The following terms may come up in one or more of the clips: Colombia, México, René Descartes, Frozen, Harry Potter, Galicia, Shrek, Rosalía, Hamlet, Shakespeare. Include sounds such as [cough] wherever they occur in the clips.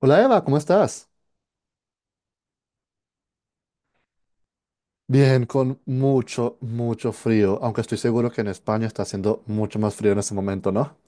Hola Eva, ¿cómo estás? Bien, con mucho, mucho frío, aunque estoy seguro que en España está haciendo mucho más frío en este momento, ¿no? [laughs]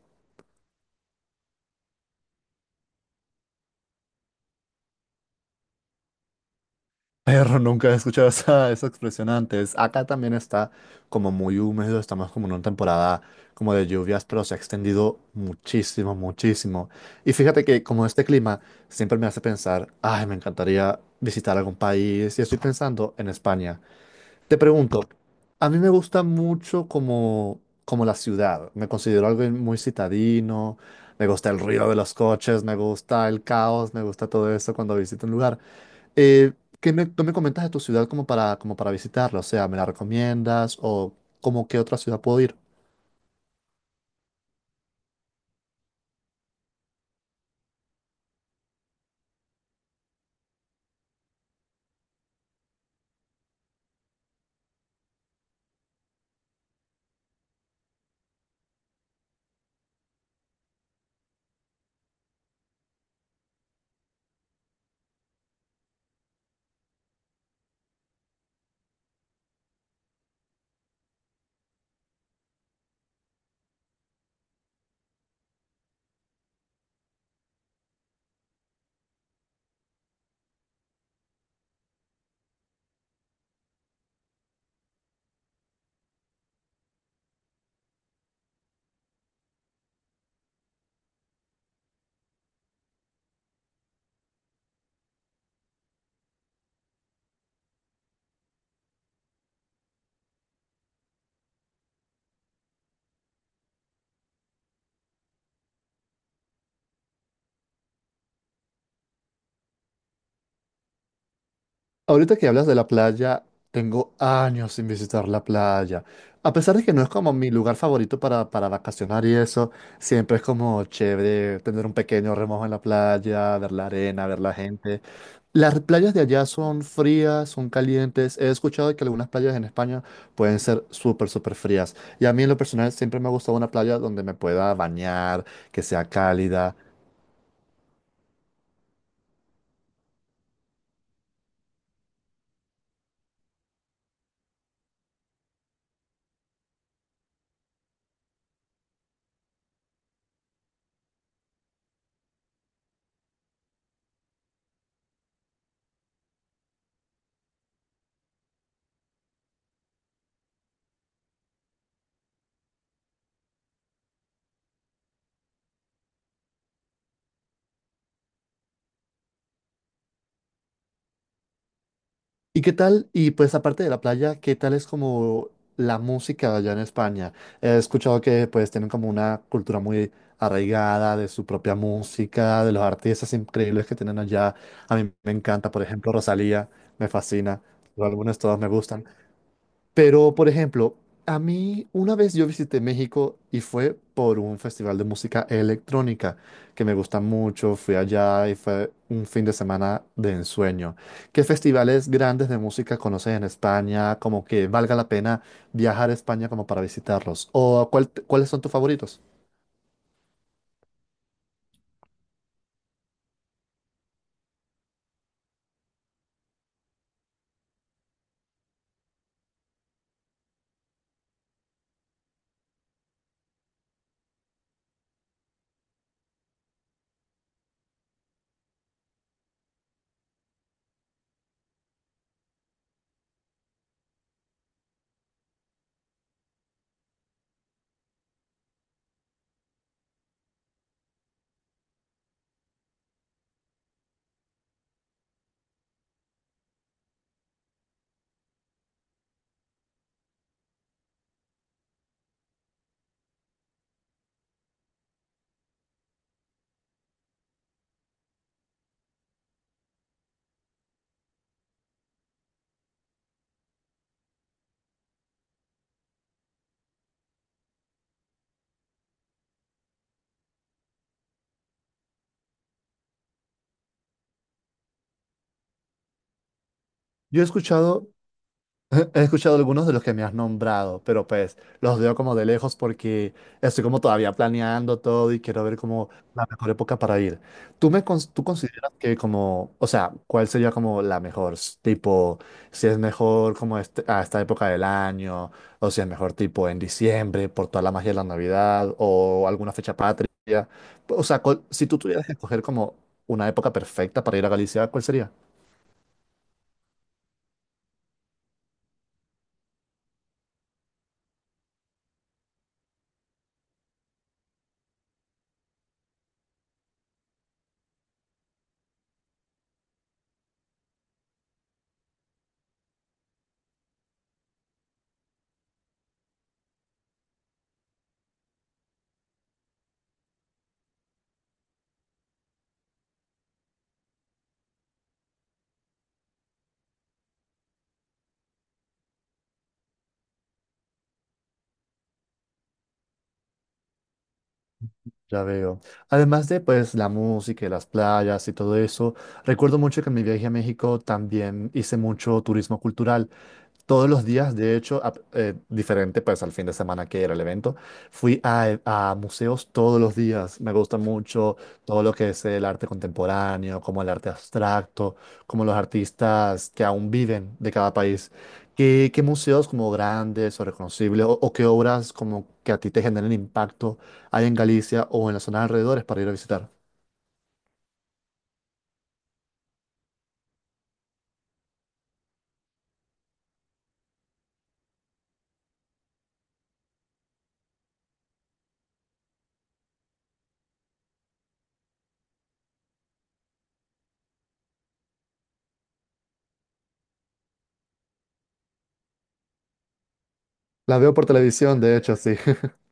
Pero nunca he escuchado esa expresión antes. Acá también está como muy húmedo, estamos como en una temporada como de lluvias, pero se ha extendido muchísimo, muchísimo. Y fíjate que como este clima siempre me hace pensar, ay, me encantaría visitar algún país y estoy pensando en España. Te pregunto, a mí me gusta mucho como la ciudad. Me considero alguien muy citadino, me gusta el ruido de los coches, me gusta el caos, me gusta todo eso cuando visito un lugar. Eh, ¿Qué me, tú me comentas de tu ciudad como para visitarla? O sea, ¿me la recomiendas o como qué otra ciudad puedo ir? Ahorita que hablas de la playa, tengo años sin visitar la playa. A pesar de que no es como mi lugar favorito para vacacionar y eso, siempre es como chévere tener un pequeño remojo en la playa, ver la arena, ver la gente. Las playas de allá son frías, son calientes. He escuchado que algunas playas en España pueden ser súper, súper frías. Y a mí en lo personal siempre me ha gustado una playa donde me pueda bañar, que sea cálida. ¿Y qué tal? Y pues aparte de la playa, ¿qué tal es como la música allá en España? He escuchado que pues tienen como una cultura muy arraigada de su propia música, de los artistas increíbles que tienen allá. A mí me encanta, por ejemplo, Rosalía, me fascina. Los álbumes todos me gustan. Pero, por ejemplo, a mí una vez yo visité México y fue por un festival de música electrónica que me gusta mucho. Fui allá y fue un fin de semana de ensueño. ¿Qué festivales grandes de música conoces en España? Como que valga la pena viajar a España como para visitarlos. ¿O cuáles son tus favoritos? Yo he escuchado [laughs] He escuchado algunos de los que me has nombrado, pero pues los veo como de lejos porque estoy como todavía planeando todo y quiero ver como la mejor época para ir. Tú consideras que como, o sea, cuál sería como la mejor? Tipo, si es mejor como a esta época del año, o si es mejor tipo en diciembre por toda la magia de la Navidad o alguna fecha patria. O sea, si tú tuvieras que escoger como una época perfecta para ir a Galicia, ¿cuál sería? Ya veo. Además de pues la música y las playas y todo eso, recuerdo mucho que en mi viaje a México también hice mucho turismo cultural. Todos los días, de hecho, diferente pues al fin de semana que era el evento, fui a museos todos los días. Me gusta mucho todo lo que es el arte contemporáneo, como el arte abstracto, como los artistas que aún viven de cada país. Qué museos como grandes o reconocibles o qué obras como que a ti te generen impacto hay en Galicia o en las zonas alrededores para ir a visitar? La veo por televisión, de hecho, sí. [laughs]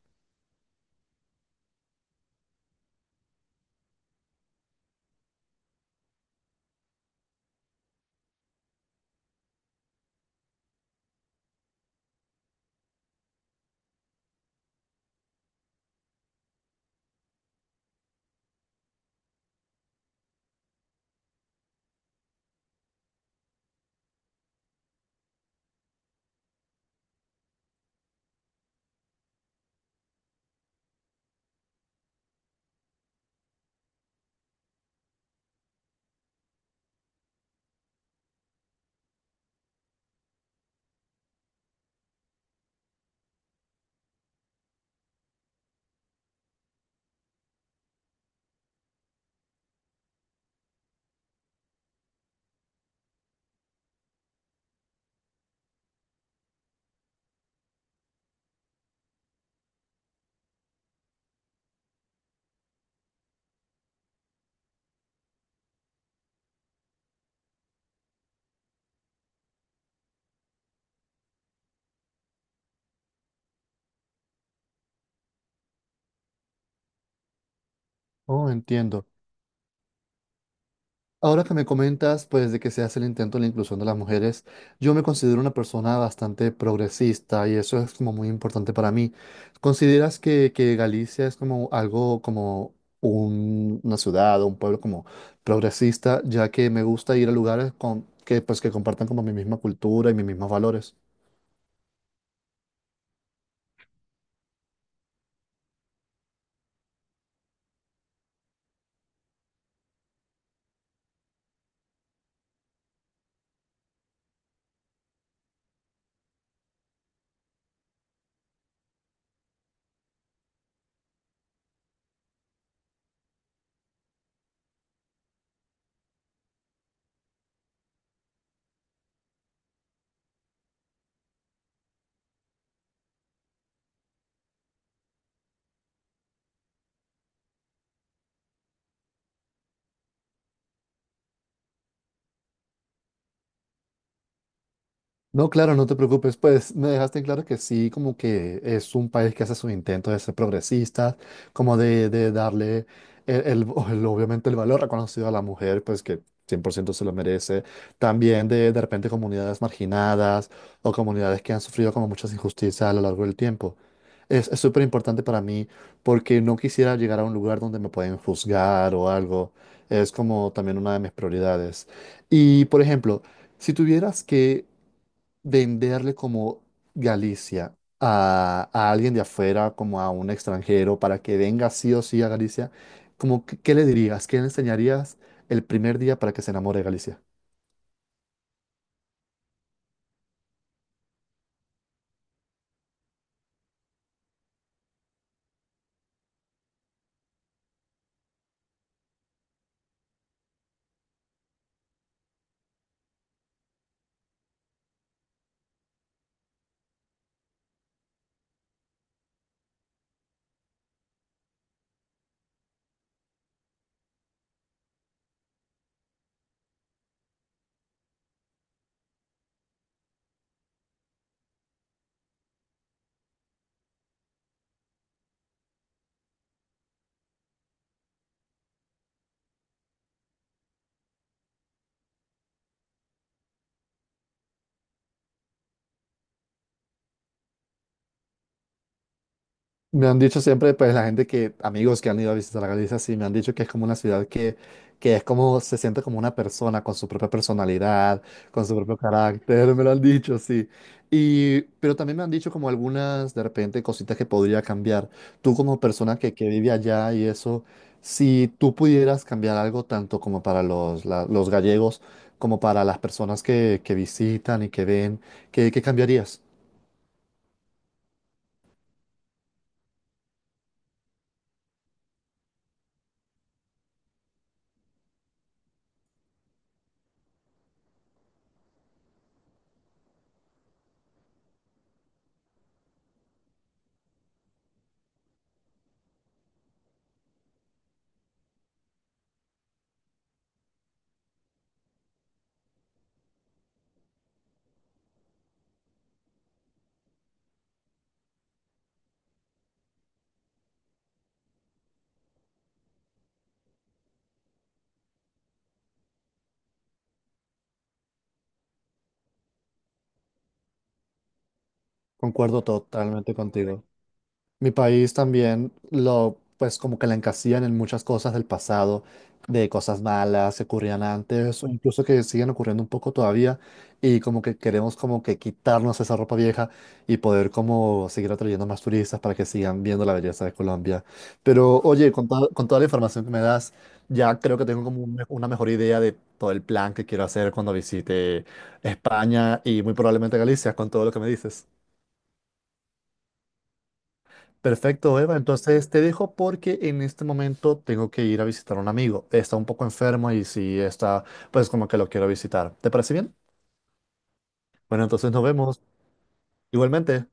Oh, entiendo. Ahora que me comentas, pues, de que se hace el intento de la inclusión de las mujeres, yo me considero una persona bastante progresista y eso es como muy importante para mí. ¿Consideras que Galicia es como algo, como una ciudad o un pueblo como progresista, ya que me gusta ir a lugares que, pues, que compartan como mi misma cultura y mis mismos valores? No, claro, no te preocupes, pues me dejaste en claro que sí, como que es un país que hace su intento de ser progresista, como de darle [laughs] obviamente el valor reconocido a la mujer, pues que 100% se lo merece, también de repente comunidades marginadas o comunidades que han sufrido como muchas injusticias a lo largo del tiempo. Es súper importante para mí porque no quisiera llegar a un lugar donde me pueden juzgar o algo, es como también una de mis prioridades. Y por ejemplo, si tuvieras que venderle como Galicia a alguien de afuera, como a un extranjero, para que venga sí o sí a Galicia, como, ¿qué le dirías? ¿Qué le enseñarías el primer día para que se enamore de Galicia? Me han dicho siempre, pues la gente que, amigos que han ido a visitar Galicia, sí, me han dicho que es como una ciudad que es como, se siente como una persona con su propia personalidad, con su propio carácter, me lo han dicho, sí. Y, pero también me han dicho como algunas, de repente, cositas que podría cambiar. Tú como persona que vive allá y eso, si tú pudieras cambiar algo tanto como para los gallegos, como para las personas que visitan y que ven, qué cambiarías? Concuerdo totalmente contigo. Mi país también lo, pues como que la encasillan en muchas cosas del pasado, de cosas malas que ocurrían antes o incluso que siguen ocurriendo un poco todavía y como que queremos como que quitarnos esa ropa vieja y poder como seguir atrayendo más turistas para que sigan viendo la belleza de Colombia. Pero oye, con toda la información que me das, ya creo que tengo como una mejor idea de todo el plan que quiero hacer cuando visite España y muy probablemente Galicia con todo lo que me dices. Perfecto, Eva. Entonces te dejo porque en este momento tengo que ir a visitar a un amigo. Está un poco enfermo y si está, pues como que lo quiero visitar. ¿Te parece bien? Bueno, entonces nos vemos. Igualmente.